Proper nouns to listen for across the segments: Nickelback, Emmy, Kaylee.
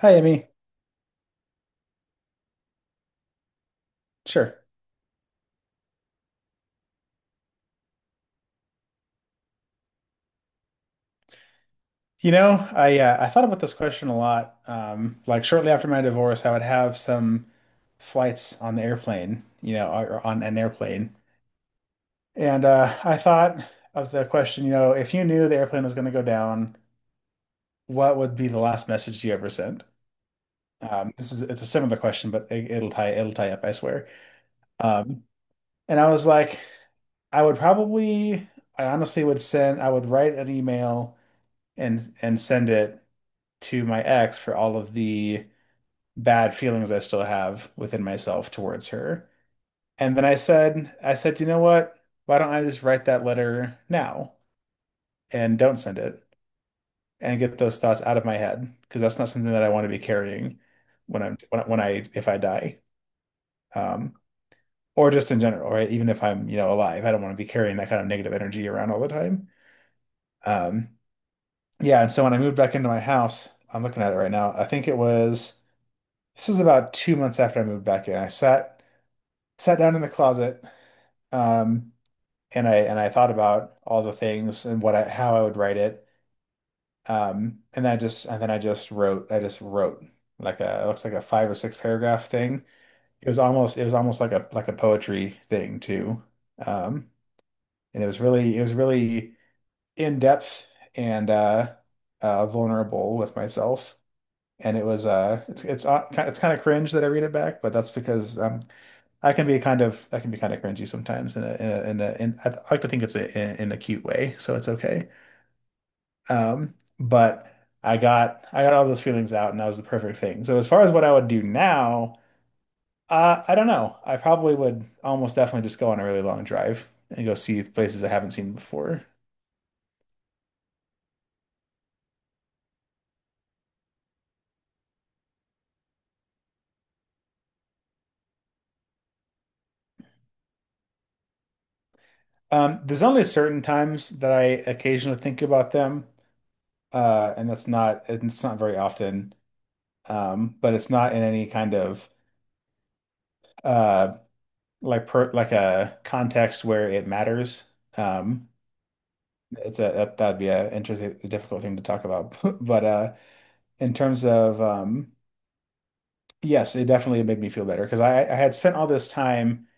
Hi, Emmy. Sure. I thought about this question a lot. Like shortly after my divorce, I would have some flights on the airplane, or on an airplane, and I thought of the question, if you knew the airplane was going to go down, what would be the last message you ever sent? This is it's a similar question, but it'll tie up, I swear. Um, and I was like, I would probably, I honestly would send, I would write an email and send it to my ex for all of the bad feelings I still have within myself towards her. And then I said, you know what? Why don't I just write that letter now and don't send it and get those thoughts out of my head? Because that's not something that I want to be carrying when I'm when I if I die. Um, or just in general, right? Even if I'm, alive, I don't want to be carrying that kind of negative energy around all the time. Um, yeah, and so when I moved back into my house, I'm looking at it right now. I think it was This was about 2 months after I moved back in. I sat down in the closet, um, and I thought about all the things and what I how I would write it. And then I just wrote. I just wrote like a it looks like a five or six paragraph thing. It was almost like a poetry thing too. Um, and it was really in depth and vulnerable with myself. And it was it's ki- it's kind of cringe that I read it back, but that's because I can be kind of I can be kind of cringy sometimes I like to think it's a, in a cute way, so it's okay. But I got all those feelings out, and that was the perfect thing. So as far as what I would do now, I don't know. I probably would almost definitely just go on a really long drive and go see places I haven't seen before. There's only certain times that I occasionally think about them, and that's not it's not very often. But it's not in any kind of uh, like a context where it matters. Um, that'd be a difficult thing to talk about. But in terms of yes, it definitely made me feel better because I had spent all this time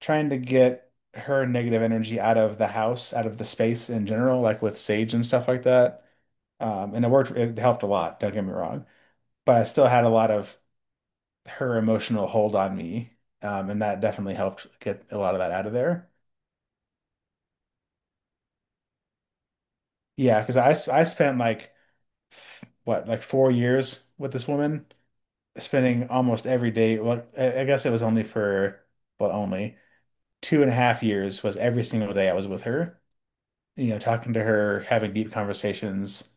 trying to get her negative energy out of the house, out of the space in general, like with sage and stuff like that. And it worked. It helped a lot. Don't get me wrong, but I still had a lot of her emotional hold on me. And that definitely helped get a lot of that out of there. Yeah, because I spent like what, like 4 years with this woman, spending almost every day. Well, I guess it was only only 2.5 years was every single day I was with her, talking to her, having deep conversations.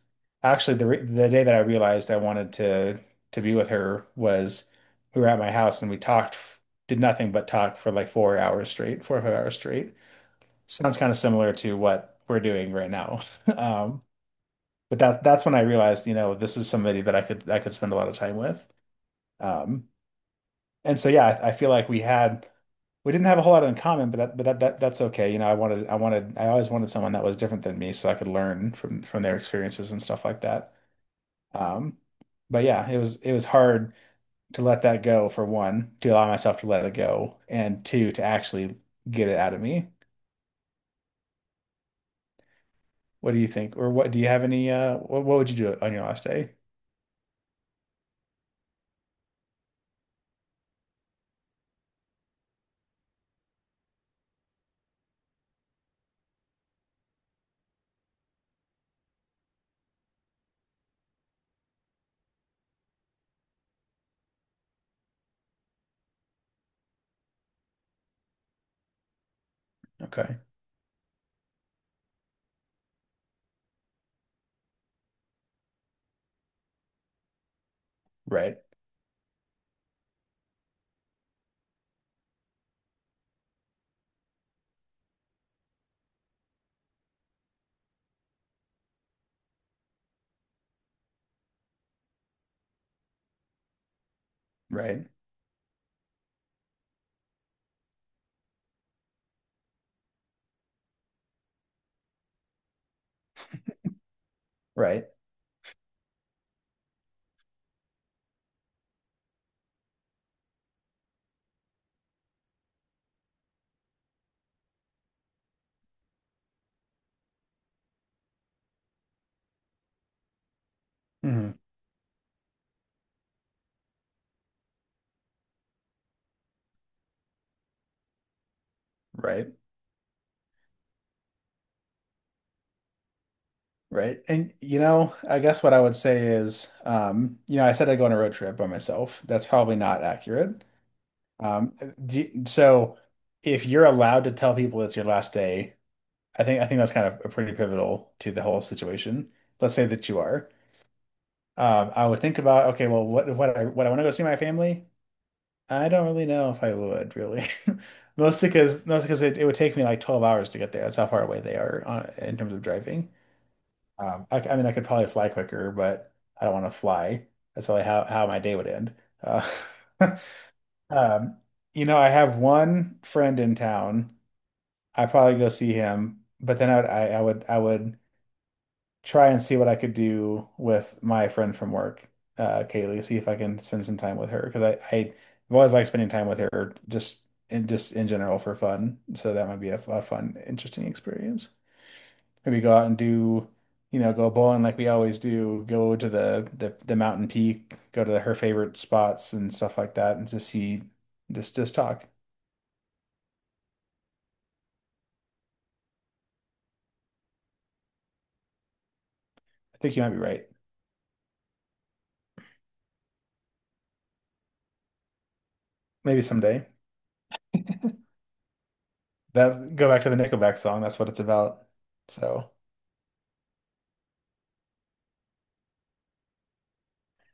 Actually, the day that I realized I wanted to be with her was we were at my house and we talked, did nothing but talk for like 4 or 5 hours straight. Sounds kind of similar to what we're doing right now. Um, but that's when I realized, this is somebody that I could spend a lot of time with. Um, and so yeah, I feel like we didn't have a whole lot in common, but that's okay. I always wanted someone that was different than me so I could learn from their experiences and stuff like that. Um, but yeah, it was hard to let that go for one, to allow myself to let it go, and two, to actually get it out of me. What do you think? Or what would you do on your last day? Okay. Right. Right. Right. Hmm. Right. Right. And I guess what I would say is, I said I go on a road trip by myself. That's probably not accurate. Um, so if you're allowed to tell people it's your last day, I think that's kind of a pretty pivotal to the whole situation. Let's say that you are. I would think about, okay, well, what I want to go see my family? I don't really know if I would really. Mostly because it would take me like 12 hours to get there. That's how far away they are in terms of driving. I mean, I could probably fly quicker, but I don't want to fly. That's probably how my day would end. Uh, um, I have one friend in town. I probably go see him, but then I would try and see what I could do with my friend from work, Kaylee, see if I can spend some time with her because I have always liked spending time with her just in general for fun. So that might be a fun, interesting experience. Maybe go out and do, go bowling like we always do, go to the mountain peak, go to her favorite spots and stuff like that, and just talk. I think you might be right. Maybe someday. That go back to the Nickelback song. That's what it's about. So,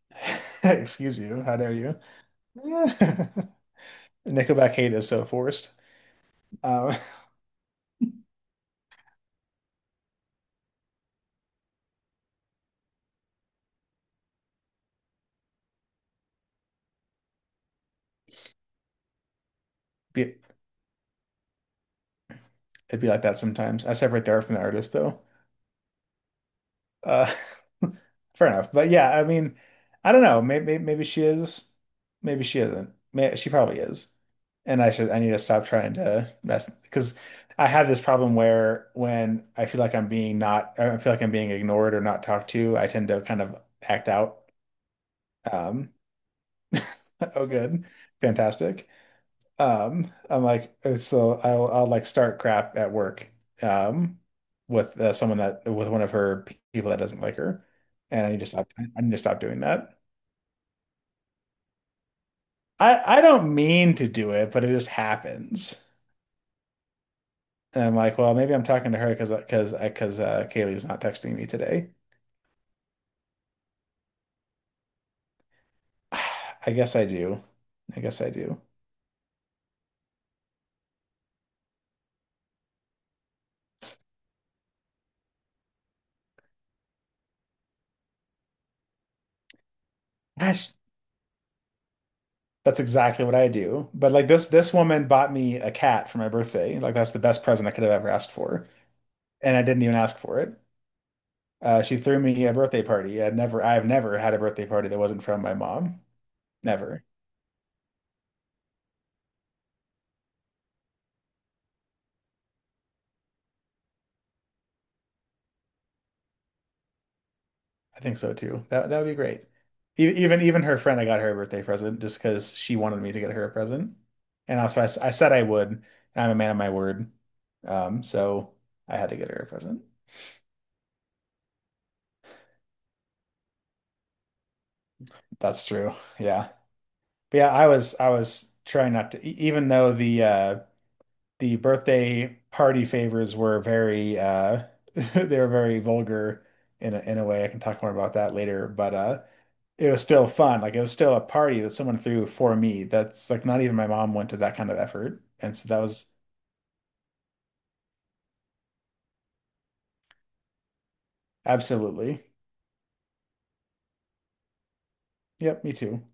excuse you. How dare you? Yeah. Nickelback hate is so forced. Um, be, it'd be like that sometimes. I separate the art from the artist, though. Uh, fair enough. But yeah, I mean, I don't know. Maybe she is. Maybe she isn't. May she probably is. And I need to stop trying to mess because I have this problem where when I feel like I'm being not I feel like I'm being ignored or not talked to, I tend to kind of act out. Um, oh, good, fantastic. I'm like, so I'll like start crap at work, um, with someone that with one of her people that doesn't like her, and I need to stop. I need to stop doing that. I don't mean to do it, but it just happens. And I'm like, well, maybe I'm talking to her because Kaylee's not texting me today. I guess I do. I guess I do. Gosh, that's exactly what I do. But like this woman bought me a cat for my birthday. Like that's the best present I could have ever asked for, and I didn't even ask for it. She threw me a birthday party. I've never had a birthday party that wasn't from my mom. Never. I think so too. That would be great. Even her friend, I got her a birthday present just because she wanted me to get her a present. And also, I said I would. And I'm a man of my word. So I had to get her a present. That's true. Yeah. But yeah, I was trying not to, even though the birthday party favors were very they were very vulgar in a way. I can talk more about that later, but it was still fun. Like it was still a party that someone threw for me. That's like not even my mom went to that kind of effort. And so that was absolutely. Yep, me too.